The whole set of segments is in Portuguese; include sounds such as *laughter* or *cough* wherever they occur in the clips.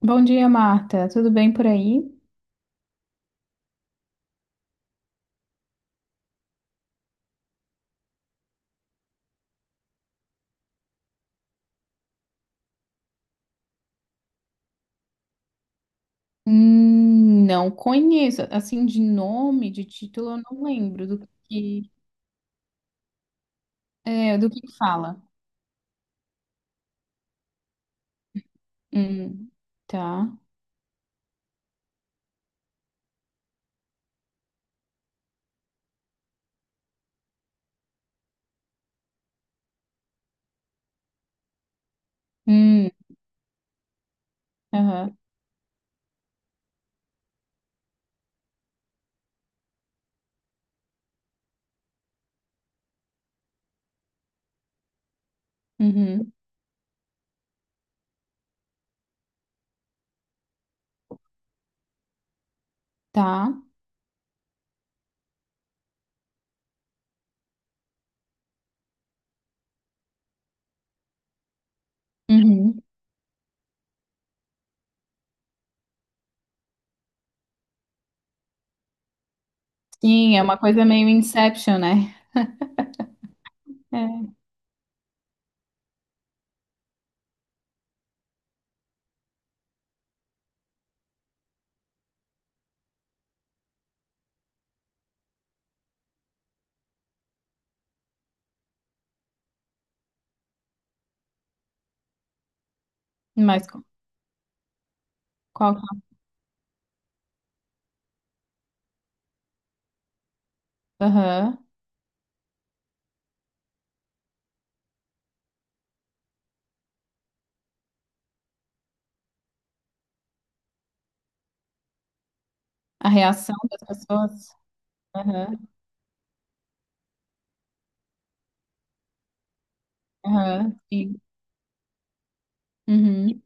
Bom dia, Marta. Tudo bem por aí? Não conheço. Assim, de nome, de título, eu não lembro do que, do que fala. Hum, tá. Hum, aham, uhum, tá. Uhum. Sim, é uma coisa meio Inception, né? É, mas qu- Qual, que é? Aham, a reação das pessoas? Aham, aham, sim. Uhum,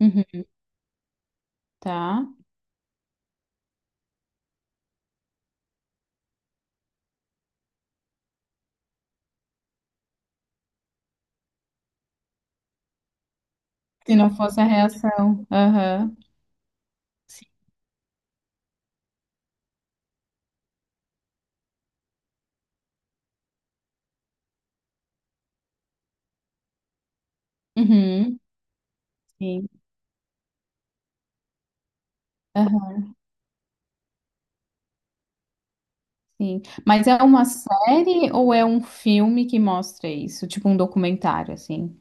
uhum, tá. Se não fosse a reação, aham, sim. Uhum. sim. Sim. Mas é uma série ou é um filme que mostra isso? Tipo um documentário, assim.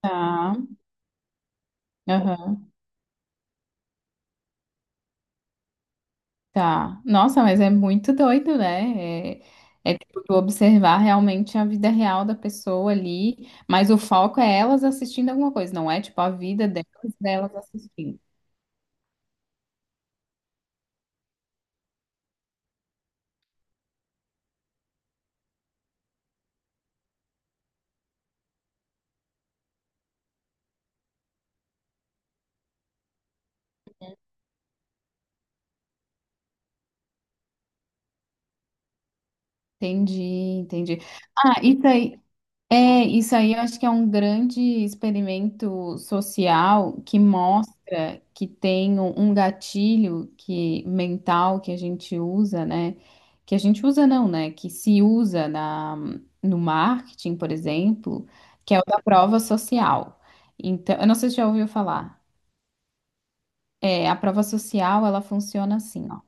Tá. Aham. Tá. Nossa, mas é muito doido, né? É tipo tu observar realmente a vida real da pessoa ali, mas o foco é elas assistindo alguma coisa, não é tipo a vida delas assistindo. Entendi, entendi. Ah, isso aí, É, isso aí eu acho que é um grande experimento social que mostra que tem um gatilho que mental que a gente usa, né? Que a gente usa não, né? Que se usa no marketing, por exemplo, que é o da prova social. Então, eu não sei se já ouviu falar. É, a prova social, ela funciona assim, ó.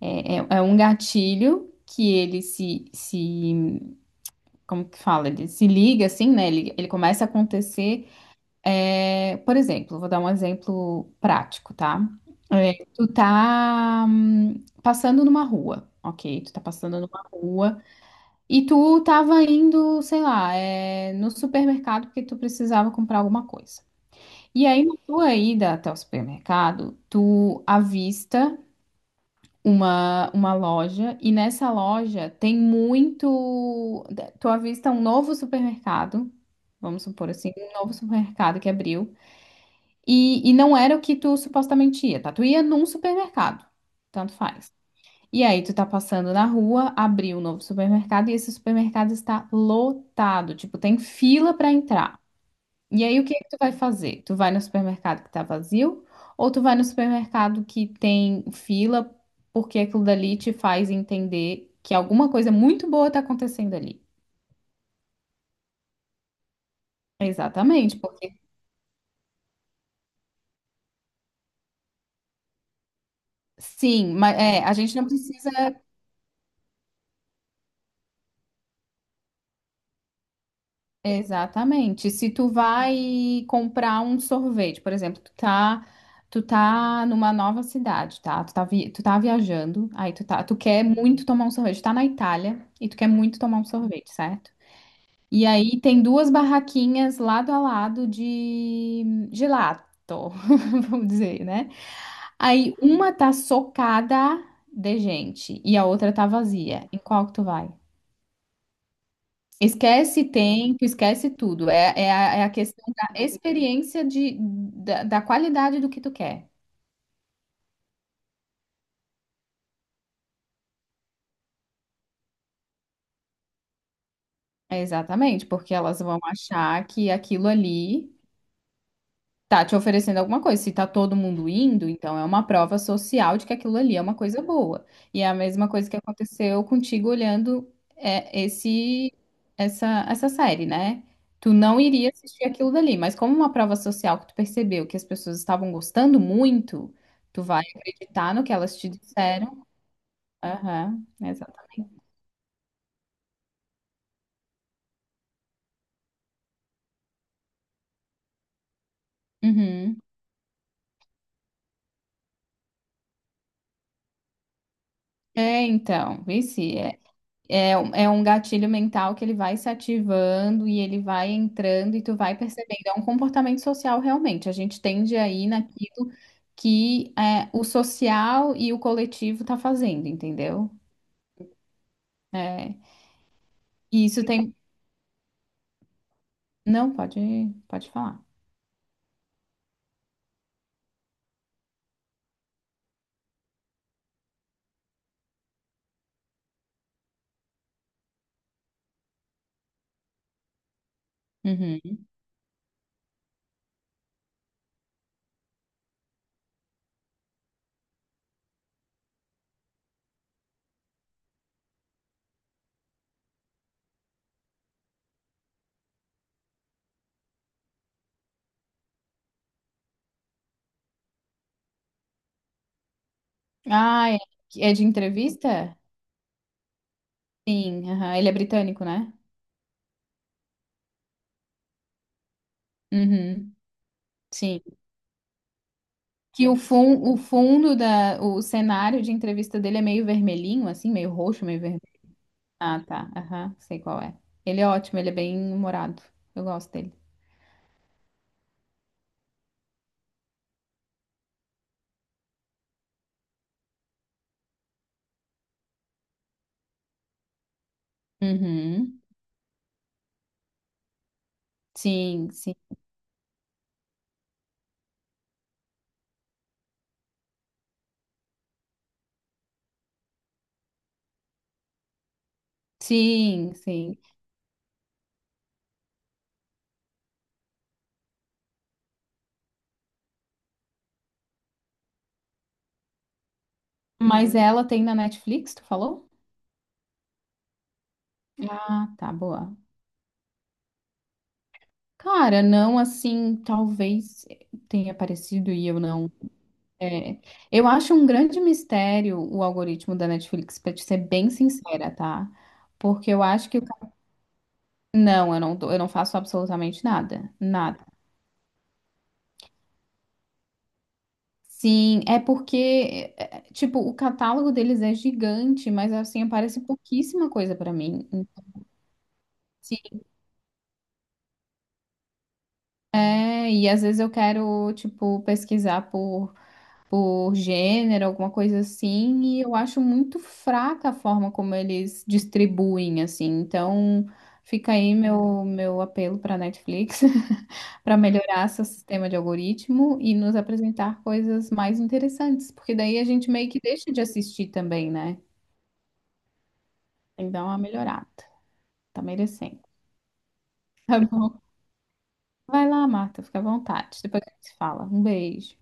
É um gatilho que ele se, se, como que fala? Ele se liga assim, né? Ele começa a acontecer. É, por exemplo, vou dar um exemplo prático, tá? É, tu tá passando numa rua, ok? Tu tá passando numa rua e tu tava indo, sei lá, é, no supermercado porque tu precisava comprar alguma coisa. E aí, na tua ida até o supermercado, tu avista uma loja e nessa loja tem muito. Tu avista um novo supermercado, vamos supor assim, um novo supermercado que abriu. E não era o que tu supostamente ia, tá? Tu ia num supermercado, tanto faz. E aí tu tá passando na rua, abriu um novo supermercado e esse supermercado está lotado, tipo, tem fila pra entrar. E aí o que que tu vai fazer? Tu vai no supermercado que tá vazio ou tu vai no supermercado que tem fila porque aquilo dali te faz entender que alguma coisa muito boa tá acontecendo ali? Exatamente, porque sim, mas é, a gente não precisa. Exatamente. Se tu vai comprar um sorvete, por exemplo, tu tá numa nova cidade, tá? Tu tá viajando, aí tu tá, tu quer muito tomar um sorvete, tu tá na Itália e tu quer muito tomar um sorvete, certo? E aí tem duas barraquinhas lado a lado de gelato, *laughs* vamos dizer, né? Aí uma tá socada de gente e a outra tá vazia. Em qual que tu vai? Esquece tempo, esquece tudo. É a questão da experiência da qualidade do que tu quer. É exatamente, porque elas vão achar que aquilo ali tá te oferecendo alguma coisa. Se tá todo mundo indo, então é uma prova social de que aquilo ali é uma coisa boa. E é a mesma coisa que aconteceu contigo olhando esse essa série, né? Tu não iria assistir aquilo dali, mas como uma prova social que tu percebeu que as pessoas estavam gostando muito, tu vai acreditar no que elas te disseram. Aham, exatamente. Uhum. É, então, vice. É, é um gatilho mental que ele vai se ativando e ele vai entrando e tu vai percebendo. É um comportamento social realmente. A gente tende aí naquilo que é, o social e o coletivo tá fazendo, entendeu? É, e isso tem. Não, pode, pode falar. Uhum. Ah, é, é de entrevista? Sim, aham. Ele é britânico, né? Uhum. Sim. Que o fundo o cenário de entrevista dele é meio vermelhinho, assim, meio roxo, meio vermelho. Ah, tá. Aham, sei qual é. Ele é ótimo, ele é bem humorado. Eu gosto dele. Uhum. Sim, sim. Sim, sim. Mas ela tem na Netflix, tu falou? Ah, tá, boa. Cara, não assim, talvez tenha aparecido e eu não. É, eu acho um grande mistério o algoritmo da Netflix, pra te ser bem sincera, tá? Porque eu acho que. O não, eu eu não faço absolutamente nada. Nada. Sim, é porque, tipo, o catálogo deles é gigante, mas assim, aparece pouquíssima coisa pra mim. Sim. É, e às vezes eu quero, tipo, pesquisar por gênero, alguma coisa assim, e eu acho muito fraca a forma como eles distribuem, assim. Então, fica aí meu apelo pra Netflix, *laughs* pra melhorar seu sistema de algoritmo e nos apresentar coisas mais interessantes, porque daí a gente meio que deixa de assistir também, né? Tem que dar uma melhorada. Tá merecendo. Tá bom? Vai lá, Marta, fica à vontade. Depois a gente se fala. Um beijo.